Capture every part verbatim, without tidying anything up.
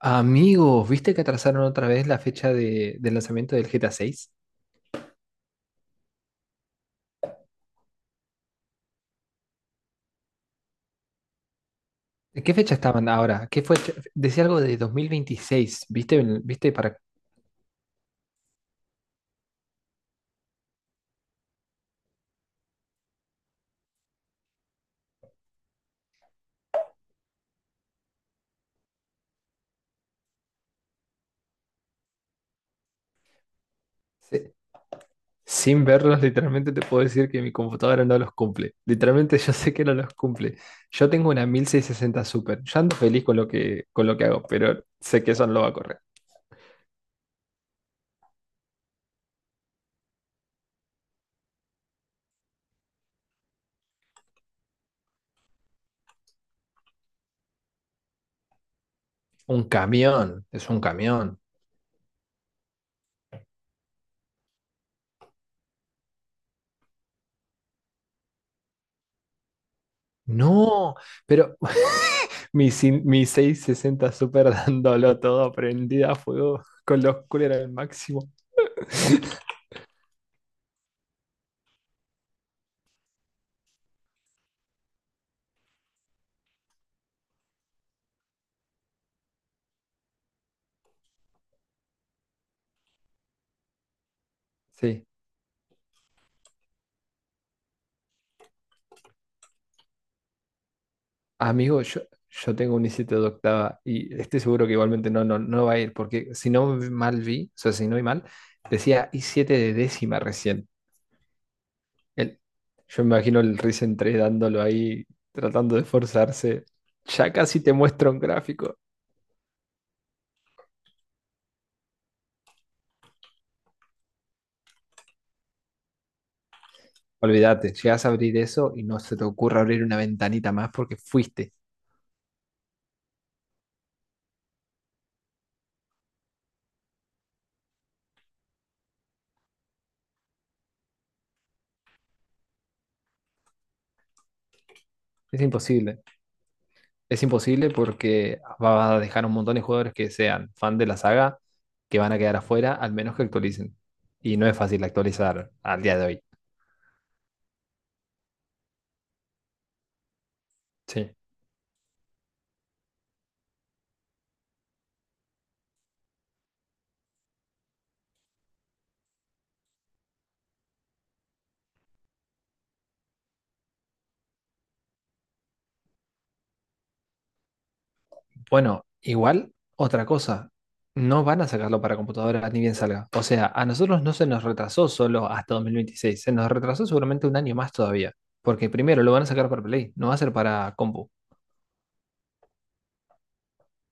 Amigos, ¿viste que atrasaron otra vez la fecha de, del lanzamiento del G T A seis? ¿Qué fecha estaban ahora? ¿Qué fue? Decía algo de dos mil veintiséis, ¿viste? ¿Viste para se- sin verlos, literalmente te puedo decir que mi computadora no los cumple. Literalmente yo sé que no los cumple. Yo tengo una mil seiscientos sesenta Super. Yo ando feliz con lo que con lo que hago, pero sé que eso no lo va a correr. Un camión, es un camión. No, pero Mi, cin- mi seiscientos sesenta Super dándolo todo, prendida a fuego con los coolers al máximo. Sí, amigo, yo, yo tengo un i siete de octava y estoy seguro que igualmente no, no, no va a ir, porque si no mal vi, o sea, si no vi mal, decía i siete de décima recién. El, yo me imagino el Ryzen tres dándolo ahí, tratando de esforzarse. Ya casi te muestro un gráfico. Olvídate, llegas a abrir eso y no se te ocurra abrir una ventanita más porque fuiste. Es imposible. Es imposible porque va a dejar un montón de jugadores que sean fan de la saga que van a quedar afuera, al menos que actualicen. Y no es fácil actualizar al día de hoy. Sí. Bueno, igual, otra cosa. No van a sacarlo para computadora ni bien salga. O sea, a nosotros no se nos retrasó solo hasta dos mil veintiséis. Se nos retrasó seguramente un año más todavía. Porque primero lo van a sacar para Play, no va a ser para compu.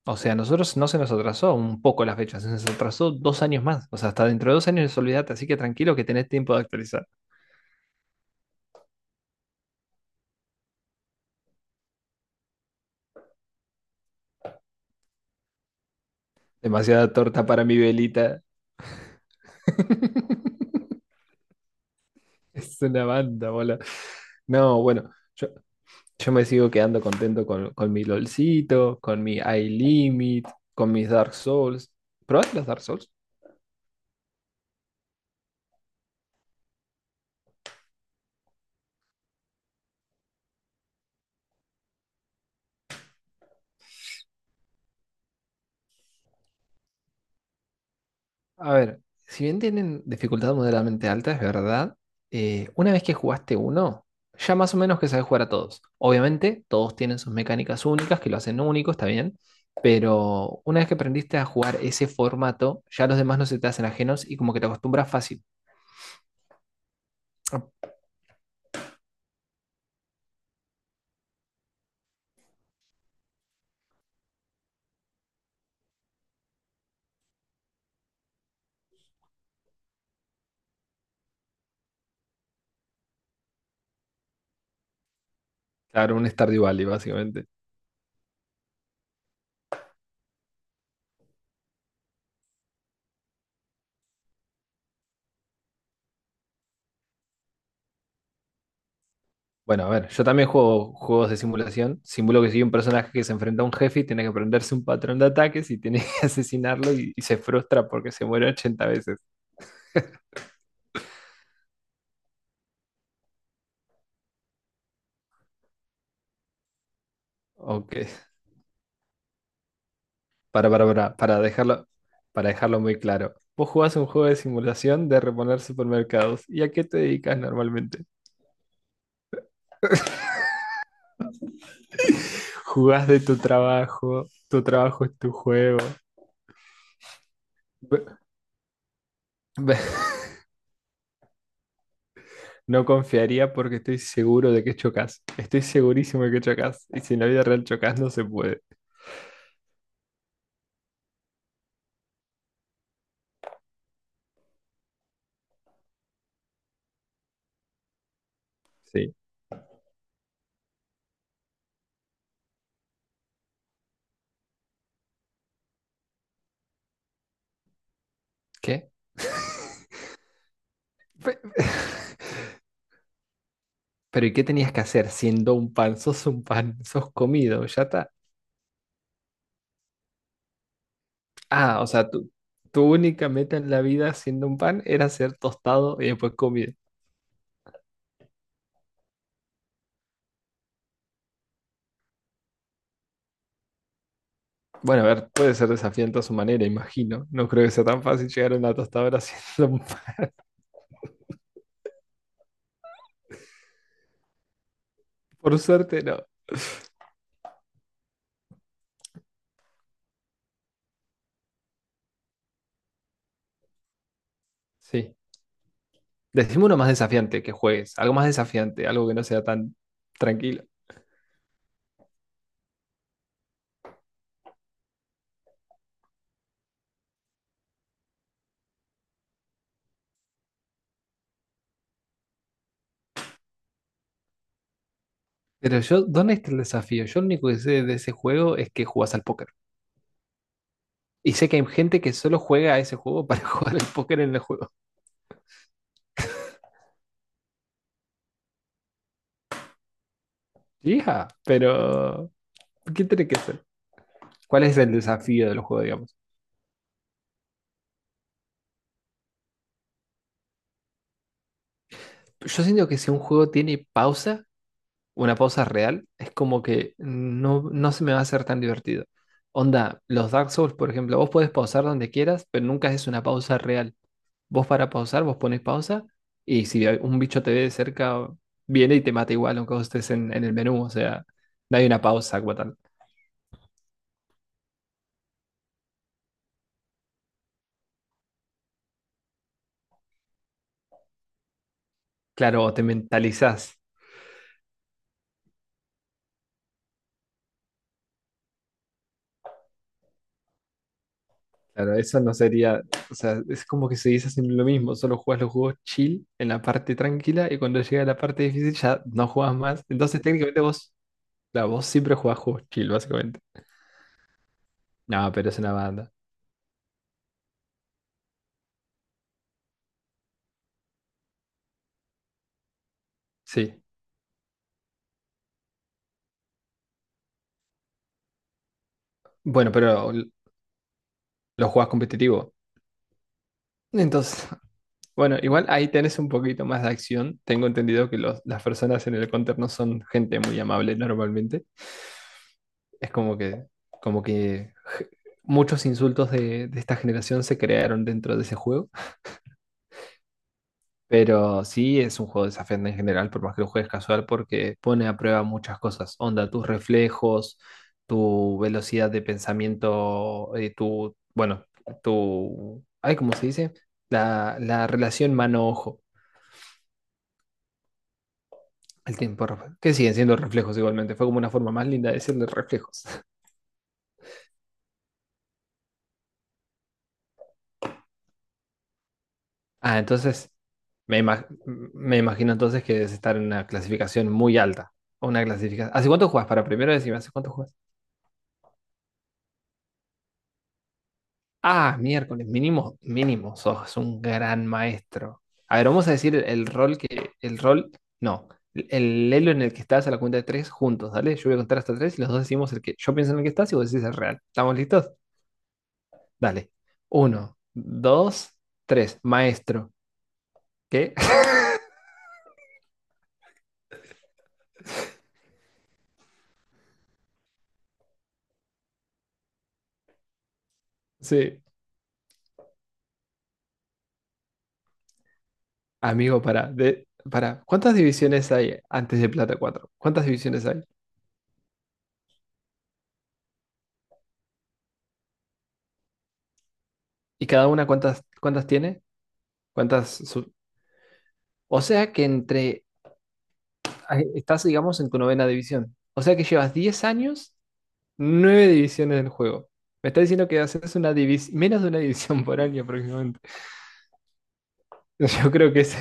O sea, a nosotros no se nos atrasó un poco la fecha, se nos atrasó dos años más. O sea, hasta dentro de dos años, olvídate, así que tranquilo que tenés tiempo de actualizar. Demasiada torta para mi velita. Es una banda, bola. No, bueno, yo, yo me sigo quedando contento con, con mi LOLcito, con mi iLimit, con mis Dark Souls. ¿Probaste los Dark Souls? A ver, si bien tienen dificultad moderadamente alta, es verdad, eh, una vez que jugaste uno, ya más o menos que sabes jugar a todos. Obviamente, todos tienen sus mecánicas únicas que lo hacen único, está bien, pero una vez que aprendiste a jugar ese formato, ya los demás no se te hacen ajenos y como que te acostumbras fácil. Claro, un Stardew Valley, básicamente. Bueno, a ver, yo también juego juegos de simulación. Simulo que soy un personaje que se enfrenta a un jefe y tiene que aprenderse un patrón de ataques y tiene que asesinarlo y, y se frustra porque se muere ochenta veces. Ok. Para, para, para, para dejarlo, para dejarlo muy claro. Vos jugás un juego de simulación de reponer supermercados. ¿Y a qué te dedicas normalmente? Jugás de tu trabajo, tu trabajo es tu juego. Ve- ve- No confiaría porque estoy seguro de que chocas. Estoy segurísimo de que chocas. Y si en la vida real chocas, no se puede. Sí. ¿Qué? Pe- Pero, ¿y qué tenías que hacer siendo un pan? Sos un pan, sos comido, ya está. Ah, o sea, tu, tu única meta en la vida siendo un pan era ser tostado y después comido. Bueno, a ver, puede ser desafiante a su manera, imagino. No creo que sea tan fácil llegar a una tostadora haciendo. Por suerte, no. Sí. Decime uno más desafiante que juegues. Algo más desafiante, algo que no sea tan tranquilo. Pero yo, ¿dónde está el desafío? Yo lo único que sé de ese juego es que jugás al póker. Y sé que hay gente que solo juega a ese juego para jugar al póker en el juego. Hija, pero. ¿Qué tiene que ser? ¿Cuál es el desafío del juego, digamos? Yo siento que si un juego tiene pausa, una pausa real, es como que no, no se me va a hacer tan divertido. Onda, los Dark Souls, por ejemplo, vos podés pausar donde quieras, pero nunca es una pausa real. Vos para pausar, vos pones pausa y si hay- un bicho te ve de cerca, viene y te mata igual, aunque vos estés en, en el menú, o sea, no hay una pausa como tal. Claro, o te mentalizás. Claro, eso no sería, o sea, es como que se dice siempre lo mismo, solo jugás los juegos chill en la parte tranquila y cuando llega la parte difícil ya no jugás más. Entonces técnicamente vos. La voz siempre jugás juegos chill, básicamente. No, pero es una banda. Sí. Bueno, pero l- lo jugás competitivo. Entonces, bueno, igual ahí tenés un poquito más de acción. Tengo entendido que los- las personas en el counter no son gente muy amable normalmente. Es como que, como que muchos insultos de, de esta generación se crearon dentro de ese juego. Pero sí es un juego desafiante en general, por más que lo juegues casual, porque pone a prueba muchas cosas. Onda, tus reflejos, tu velocidad de pensamiento, eh, tu, bueno, tu, ay, ¿cómo se dice? La, la relación mano-ojo, el tiempo, ref- que siguen siendo reflejos igualmente. Fue como una forma más linda de decirle reflejos. Ah, entonces, me, ima- me imagino entonces que debes estar en una clasificación muy alta. Una clasificación. ¿Hace cuánto juegas? Para primero decirme, ¿hace cuánto juegas? Ah, miércoles, mínimo, mínimo, sos un gran maestro. A ver, vamos a decir el, el rol que, el rol, no, el el elo en el que estás a la cuenta de tres juntos, ¿dale? Yo voy a contar hasta tres y los dos decimos el que yo pienso en el que estás y vos decís el real. ¿Estamos listos? Dale. Uno, dos, tres. Maestro. ¿Qué? Sí. Amigo, para, de, para. ¿Cuántas divisiones hay antes de plata cuatro? ¿Cuántas divisiones hay? ¿Y cada una cuántas, cuántas tiene? ¿Cuántas? sub- O sea que entre ah, estás, digamos, en tu novena división. O sea que llevas diez años, nueve divisiones del juego. Me está diciendo que haces una divis- menos de una división por año aproximadamente. Yo creo que es.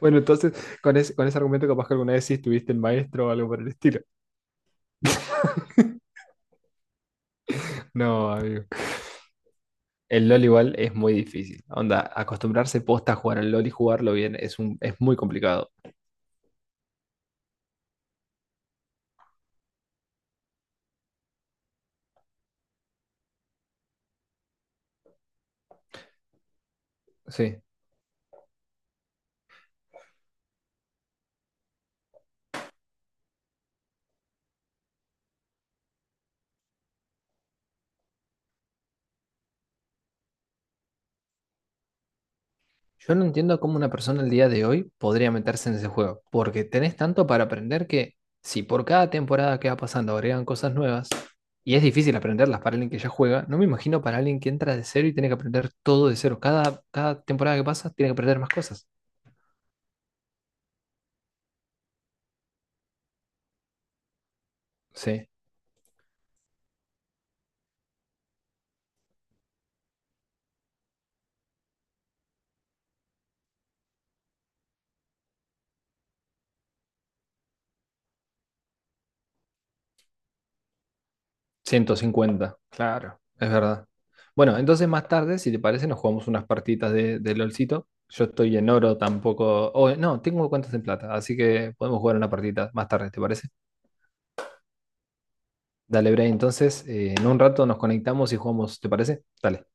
Bueno, entonces, con ese, con ese argumento, capaz que alguna vez sí estuviste en maestro o algo por el estilo. No, amigo. El LOL igual es muy difícil. Onda, acostumbrarse posta a jugar al LOL y jugarlo bien es, un, es muy complicado. Sí. Yo no entiendo cómo una persona el día de hoy podría meterse en ese juego, porque tenés tanto para aprender que si por cada temporada que va pasando agregan cosas nuevas, y es difícil aprenderlas para alguien que ya juega, no me imagino para alguien que entra de cero y tiene que aprender todo de cero. Cada, cada temporada que pasa tiene que aprender más cosas. Sí, ciento cincuenta. Claro, es verdad. Bueno, entonces más tarde, si te parece, nos jugamos unas partitas de, de LOLcito. Yo estoy en oro tampoco, o no, tengo cuentas en plata, así que podemos jugar una partita más tarde, ¿te parece? Dale, Bray, entonces eh, en un rato nos conectamos y jugamos, ¿te parece? Dale.